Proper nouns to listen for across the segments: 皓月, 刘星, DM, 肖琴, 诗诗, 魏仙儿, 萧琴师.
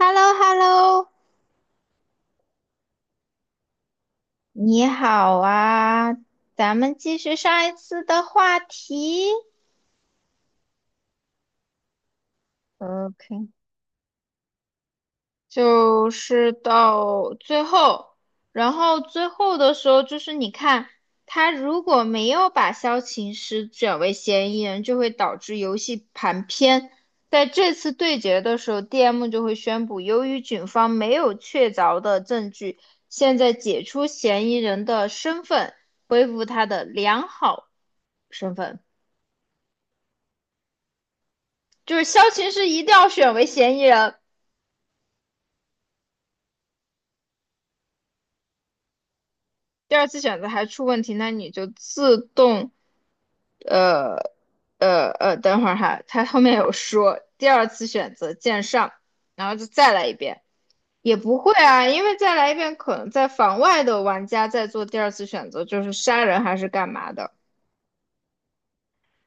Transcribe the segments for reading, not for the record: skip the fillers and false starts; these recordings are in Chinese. h e l l o h e l l o 你好啊，咱们继续上一次的话题。OK，就是到最后，然后最后的时候就是你看，他如果没有把萧琴师选为嫌疑人，就会导致游戏盘偏。在这次对决的时候，DM 就会宣布，由于警方没有确凿的证据，现在解除嫌疑人的身份，恢复他的良好身份。就是肖琴是一定要选为嫌疑人。第二次选择还出问题，那你就自动呃等会儿哈，他后面有说第二次选择见上，然后就再来一遍。也不会啊，因为再来一遍可能在房外的玩家在做第二次选择，就是杀人还是干嘛的。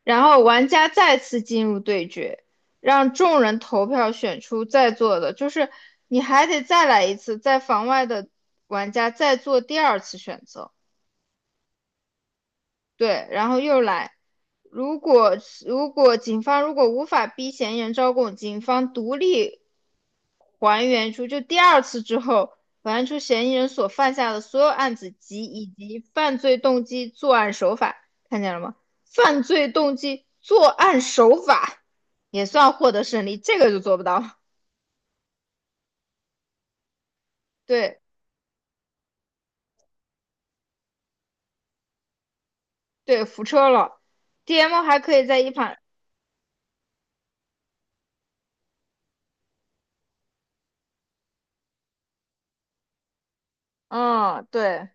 然后玩家再次进入对决，让众人投票选出在座的，就是你还得再来一次，在房外的玩家再做第二次选择。对，然后又来。如果如果警方如果无法逼嫌疑人招供，警方独立还原出就第二次之后，还原出嫌疑人所犯下的所有案子及以及犯罪动机、作案手法。看见了吗？犯罪动机、作案手法也算获得胜利，这个就做不到。对对，扶车了。DM 还可以在一旁。嗯，对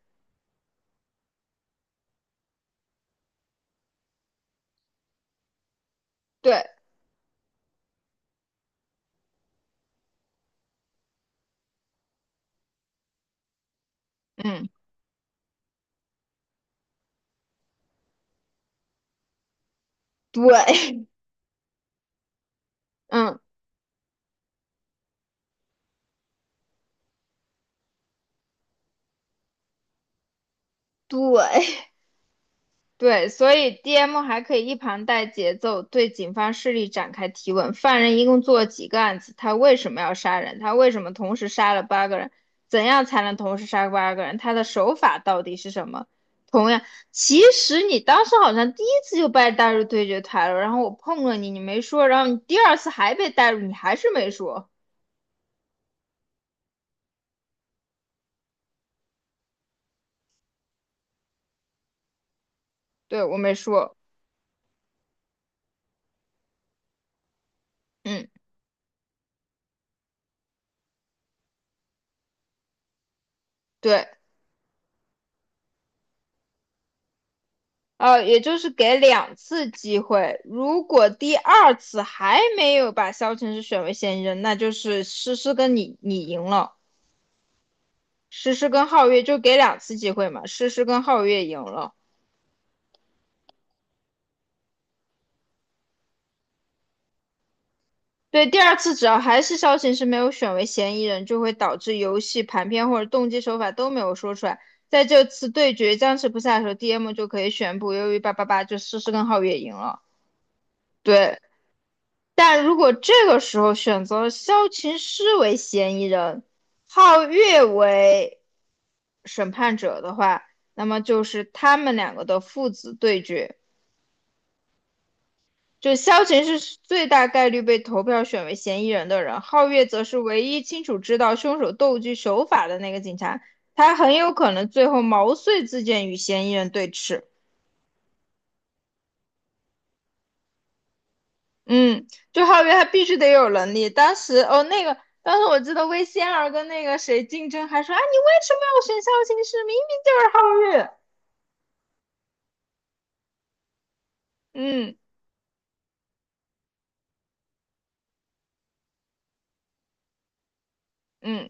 对。嗯对。嗯对。对，所以 DM 还可以一旁带节奏，对警方势力展开提问。犯人一共做了几个案子？他为什么要杀人？他为什么同时杀了八个人？怎样才能同时杀八个人？他的手法到底是什么？同样，其实你当时好像第一次就被带入对决台了，然后我碰了你，你没说，然后你第二次还被带入，你还是没说。对，我没说。嗯，对。也就是给两次机会，如果第二次还没有把萧晨是选为嫌疑人，那就是诗诗跟你赢了。诗诗跟皓月就给两次机会嘛，诗诗跟皓月赢了。对，第二次只要还是萧晨是没有选为嫌疑人，就会导致游戏盘片或者动机手法都没有说出来。在这次对决僵持不下的时候，DM 就可以宣布，由于八八八就诗诗跟皓月赢了。对，但如果这个时候选择了萧琴师为嫌疑人，皓月为审判者的话，那么就是他们两个的父子对决。就萧琴是最大概率被投票选为嫌疑人的人，皓月则是唯一清楚知道凶手斗具手法的那个警察，他很有可能最后毛遂自荐与嫌疑人对峙。嗯，就哈月他必须得有能力。当时哦，那个当时我记得魏仙儿跟那个谁竞争，还说啊，你为什么要选肖琴师？明明就是皓月。嗯嗯。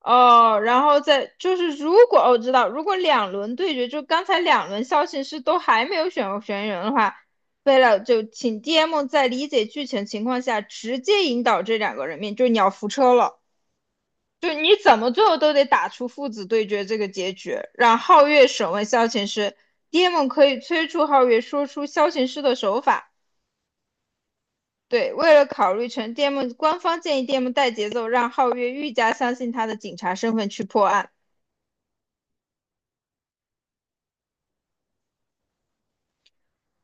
哦，然后再就是如果哦我、知道，如果两轮对决，就刚才两轮肖琴师都还没有选人的话，为了就请 DM 在理解剧情情况下直接引导这两个人面，就是你要扶车了。就你怎么最后都得打出父子对决这个结局。让皓月审问萧琴师，d m 可以催促皓月说出萧琴师的手法。对，为了考虑成 DM，官方建议 DM 带节奏，让皓月愈加相信他的警察身份去破案。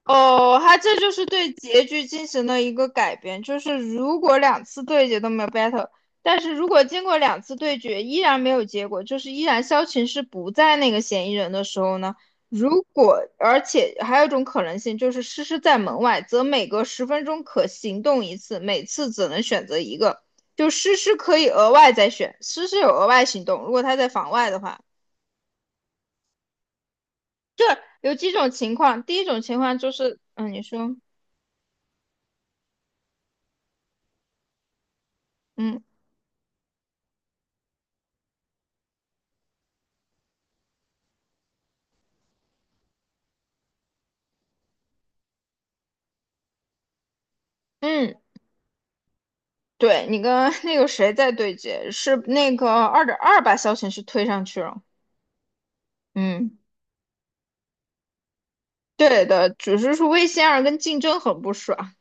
哦，他这就是对结局进行了一个改编，就是如果两次对决都没有 battle，但是如果经过两次对决依然没有结果，就是依然萧晴是不在那个嫌疑人的时候呢，如果而且还有一种可能性就是诗诗在门外，则每隔十分钟可行动一次，每次只能选择一个，就诗诗可以额外再选，诗诗有额外行动，如果他在房外的话，有几种情况，第一种情况就是，嗯，你说。嗯嗯。对你跟那个谁在对接，是那个二点二把小程序推上去了。嗯，对的，只是说魏仙儿跟竞争很不爽。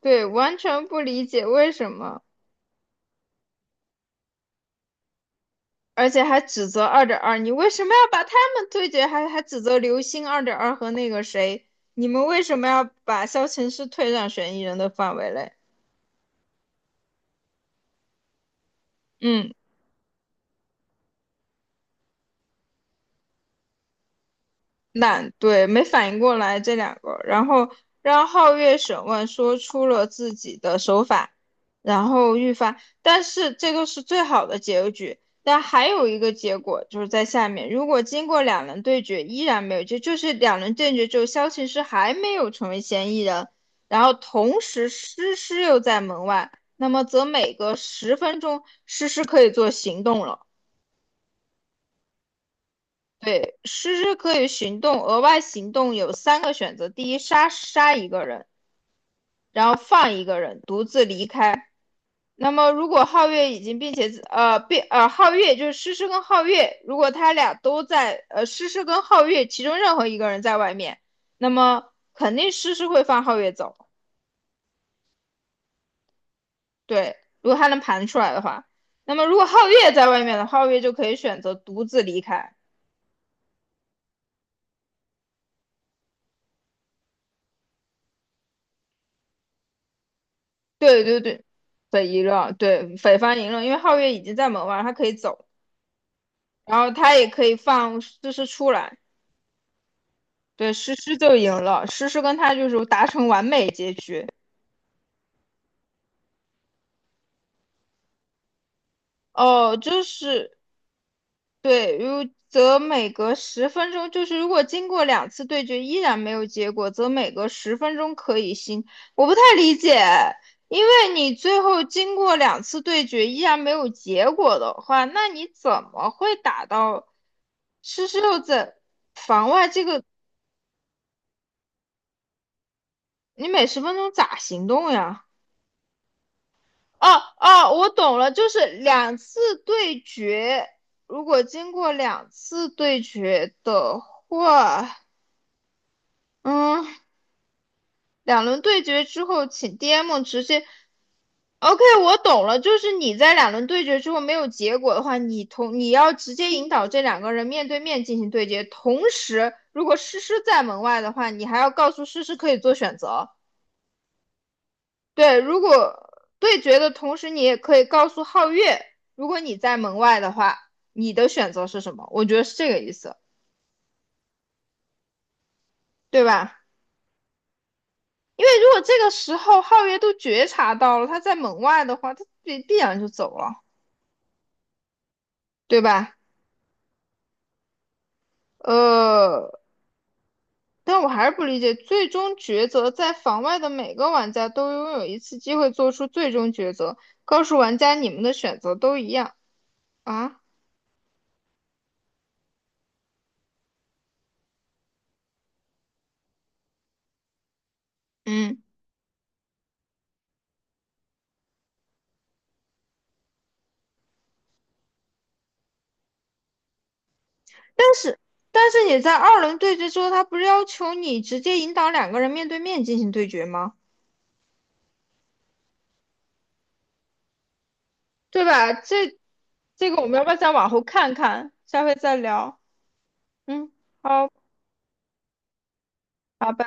对，完全不理解为什么，而且还指责二点二，你为什么要把他们对接，还指责刘星二点二和那个谁，你们为什么要把萧琴师推上嫌疑人的范围内？嗯。懒，对，没反应过来这两个，然后让皓月审问，说出了自己的手法，然后预发，但是这个是最好的结局。但还有一个结果就是在下面，如果经过两轮对决依然没有结，就是两轮对决之后，萧琴师还没有成为嫌疑人，然后同时诗诗又在门外，那么则每隔十分钟，诗诗可以做行动了。对，诗诗可以行动，额外行动有三个选择：第一，杀一个人，然后放一个人，独自离开。那么，如果皓月已经并且呃并呃皓月就是诗诗跟皓月，如果他俩都在诗诗跟皓月其中任何一个人在外面，那么肯定诗诗会放皓月走。对，如果他能盘出来的话，那么如果皓月在外面的皓月就可以选择独自离开。对对对，匪夷了，对，匪方赢了，因为皓月已经在门外，他可以走，然后他也可以放诗诗出来。对，诗诗就赢了，诗诗跟他就是达成完美结局。哦，就是对，如则每隔十分钟，就是如果经过两次对决依然没有结果，则每隔十分钟可以新。我不太理解，因为你最后经过两次对决依然没有结果的话，那你怎么会打到施施六在防外这个？你每十分钟咋行动呀？哦哦，我懂了，就是两次对决，如果经过两次对决的话，嗯。两轮对决之后，请 DM 直接。OK，我懂了，就是你在两轮对决之后没有结果的话，你要直接引导这两个人面对面进行对决。同时，如果诗诗在门外的话，你还要告诉诗诗可以做选择。对，如果对决的同时，你也可以告诉皓月，如果你在门外的话，你的选择是什么？我觉得是这个意思，对吧？因为如果这个时候皓月都觉察到了他在门外的话，他必然就走了。对吧？呃，但我还是不理解，最终抉择在房外的每个玩家都拥有一次机会做出最终抉择，告诉玩家你们的选择都一样啊。嗯，但是但是你在二轮对决之后，他不是要求你直接引导两个人面对面进行对决吗？对吧？这个我们要不要再往后看看？下回再聊。嗯，好，拜拜。